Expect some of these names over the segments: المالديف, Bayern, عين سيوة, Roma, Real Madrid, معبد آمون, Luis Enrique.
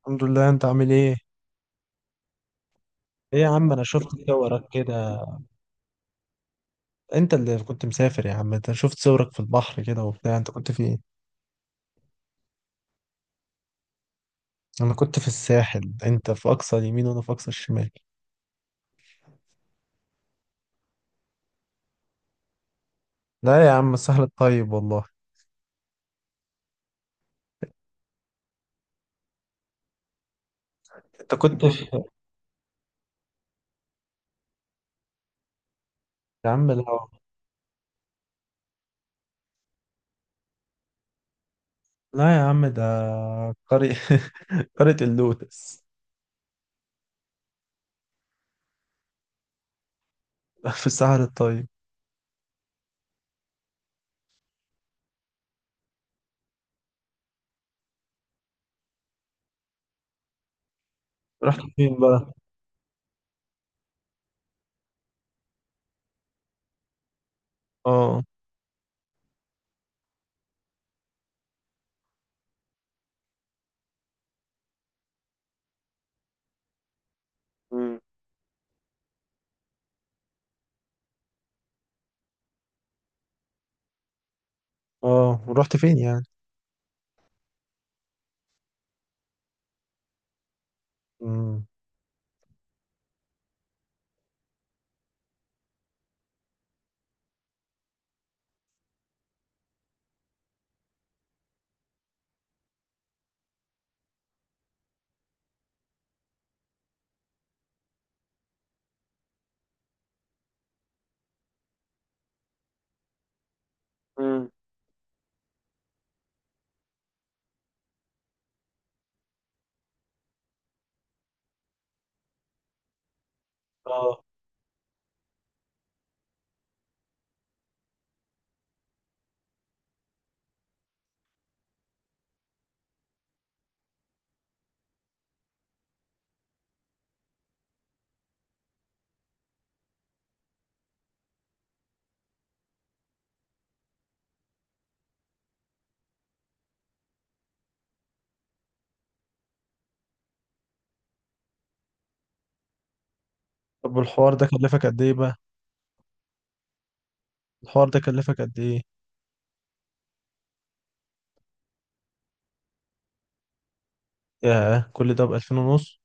الحمد لله، انت عامل ايه؟ ايه يا عم، انا شفت صورك كده. انت اللي كنت مسافر يا عم، انت شفت صورك في البحر كده وبتاع، انت كنت في ايه؟ انا كنت في الساحل، انت في اقصى اليمين وانا في اقصى الشمال. لا يا عم، الساحل الطيب والله. انت كنت في. يا عم لا. لا يا عم ده. قرية قرية اللوتس. في الساحل الطيب. رحت فين بقى؟ اه. مم. اه، ورحت فين يعني؟ امم. اه. طب، والحوار ده كلفك قد ايه بقى؟ الحوار ده كلفك قد ايه؟ ياه، كل ده ب 2000 ونص؟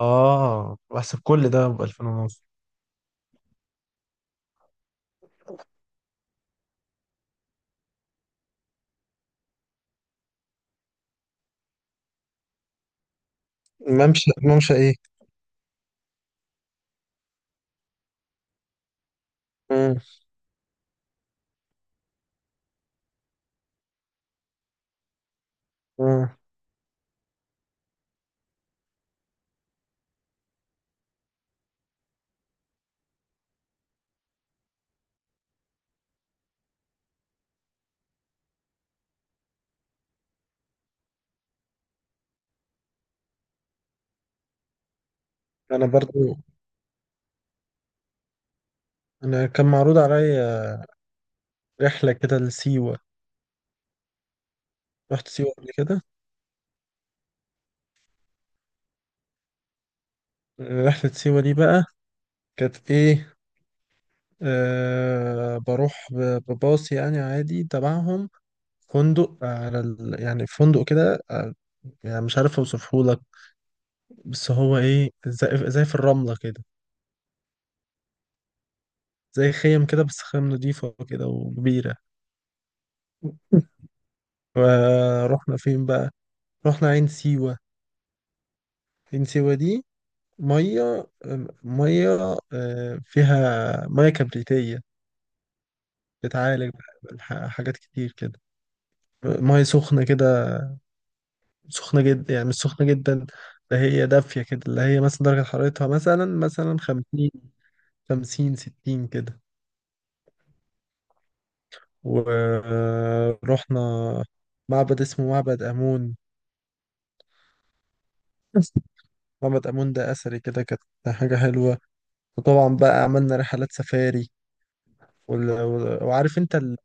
اه، بحسب كل ده ب 2000 ونص. ممشى، ممشى ايه؟ مم. مم. انا برضو. انا كان معروض عليا رحله كده لسيوه. رحت سيوه قبل كده؟ رحله سيوه دي بقى، كانت ايه؟ بروح بباص يعني عادي تبعهم. فندق يعني فندق كده يعني مش عارف اوصفه لك. بس هو ايه، زي في الرمله كده. زي خيم كده، بس خيم نضيفه كده وكبيره. ورحنا فين بقى؟ رحنا عين سيوة. عين سيوة دي، مية مية، فيها مية كبريتية. بتعالج حاجات كتير كده. مية سخنة كده، سخنة جدا يعني مش سخنة جدا. ده هي دافية كده، اللي هي مثلا درجة حرارتها مثلا خمسين. خمسين ستين كده. ورحنا معبد اسمه معبد آمون. معبد آمون ده أثري كده، كانت حاجة حلوة. وطبعا بقى عملنا رحلات سفاري. وعارف انت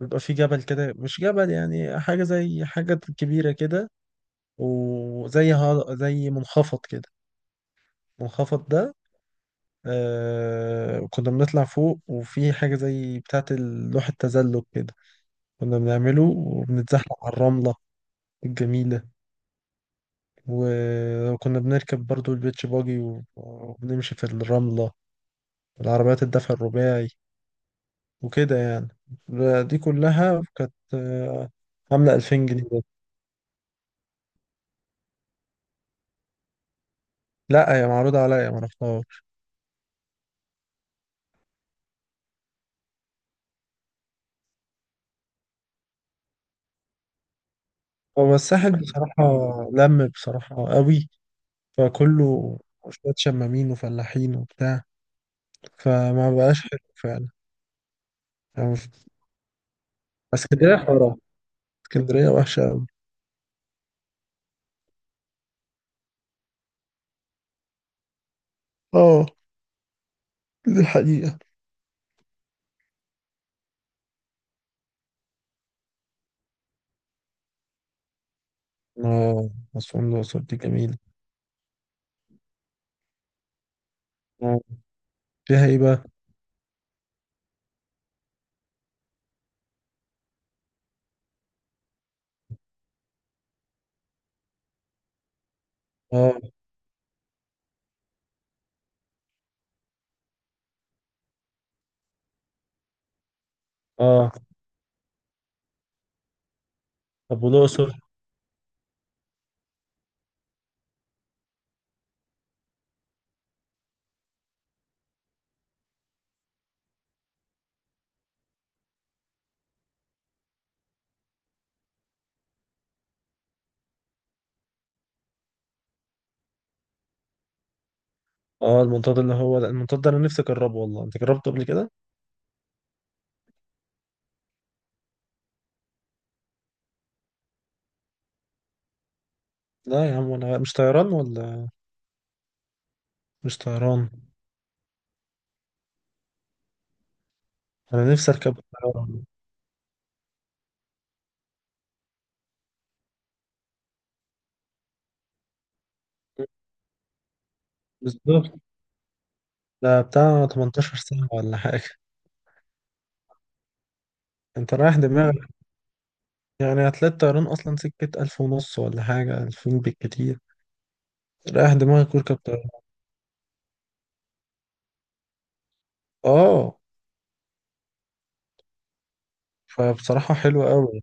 بيبقى في جبل كده، مش جبل يعني، حاجة زي حاجة كبيرة كده. وزي ها... زي منخفض كده. المنخفض ده كنا بنطلع فوق، وفي حاجة زي بتاعة لوح التزلج كده. كنا بنعمله وبنتزحلق على الرملة الجميلة. و- وكنا بنركب برضو البيتش باجي و- وبنمشي في الرملة، العربيات الدفع الرباعي وكده يعني. دي كلها كانت عاملة 2000 جنيه. لا، هي معروضة عليا ما رحتهاش. هو الساحل بصراحة، لم بصراحة قوي، فكله شوية شمامين وفلاحين وبتاع، فما بقاش حلو فعلا. يعني مش-. اسكندرية حرام، اسكندرية وحشة أوي. اه، دي الحقيقة. اه. أسوان الأقصر دي جميلة. آه، فيها ايه بقى؟ اه، اه. طب، والأقصر؟ اه، المنطاد اللي هو، لا، المنطاد ده أنا نفسي أجربه والله. أنت جربته قبل كده؟ لا يا عم، أنا مش طيران ولا. مش طيران. أنا نفسي أركب طيران. بالظبط. ده بتاع 18 ساعة ولا حاجة. انت رايح دماغك، يعني هتلاقي الطيران اصلا سكة ألف ونص ولا حاجة، ألفين بالكتير. رايح دماغك وركب طيران. اه. فبصراحة حلوة أوي.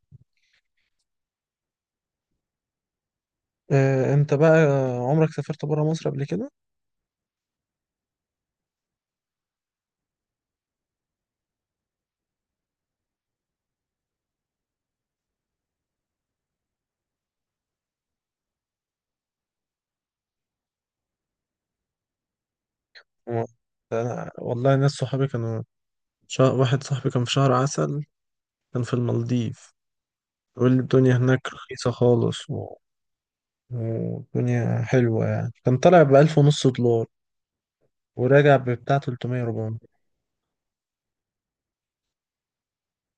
انت بقى، عمرك سافرت برا مصر قبل كده؟ و-. أنا والله ناس صحابي كانوا، واحد صاحبي كان في شهر عسل، كان في المالديف. يقول لي الدنيا هناك رخيصة خالص والدنيا حلوة، يعني كان طالع بألف ونص دولار وراجع ببتاع 300 400.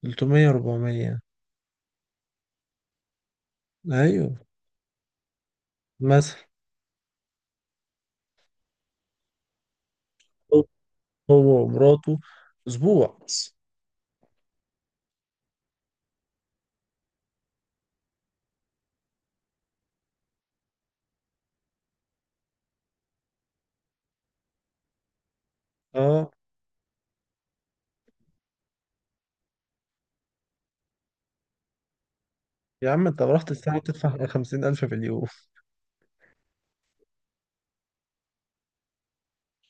300 400. ايوه، مثلا. هو هو ومراته، اسبوع بس. اه يا عم، انت لو رحت الساعه تدفع 50000 في اليوم.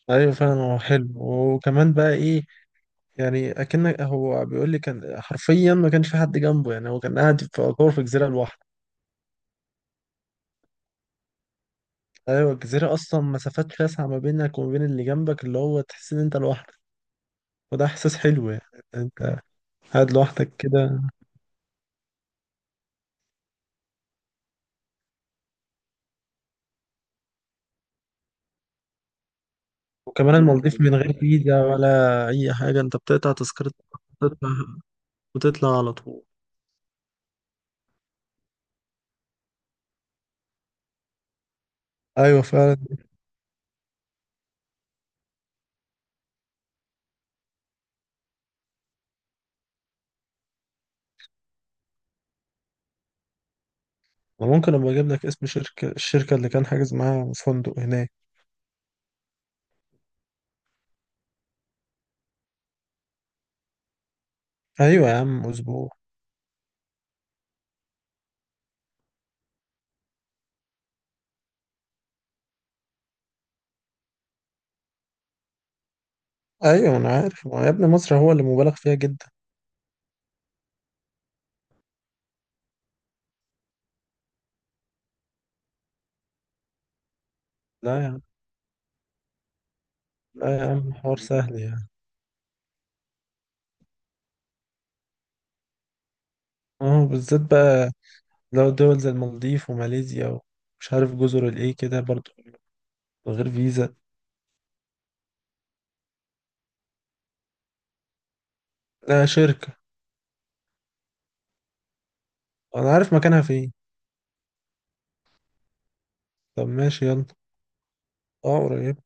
ايوه فعلا، هو حلو، وكمان بقى ايه؟ يعني اكنك، هو بيقول لي كان حرفيا ما كانش في حد جنبه، يعني هو كان قاعد في، يعتبر في جزيره لوحده. ايوه، الجزيره اصلا مسافات شاسعه ما بينك وما بين اللي جنبك، اللي هو تحس ان انت لوحدك. وده احساس حلو يعني. انت قاعد لوحدك كده. وكمان المالديف من غير فيزا ولا اي حاجه، انت بتقطع تذكره وتطلع وتطلع على طول. ايوه فعلا. ممكن ابقى اجيب لك اسم شركه، الشركه اللي كان حاجز معاها فندق هناك. ايوه يا عم، اسبوع. ايوه انا عارف، ما يا ابني مصر هو اللي مبالغ فيها جدا. لا يا عم. لا يا عم، حوار سهل يعني. اه، بالذات بقى. لو دول زي المالديف وماليزيا ومش عارف جزر الايه كده برضو، من غير فيزا. لا، شركه. انا عارف مكانها فين. طب، ماشي، يلا. اه، قريب.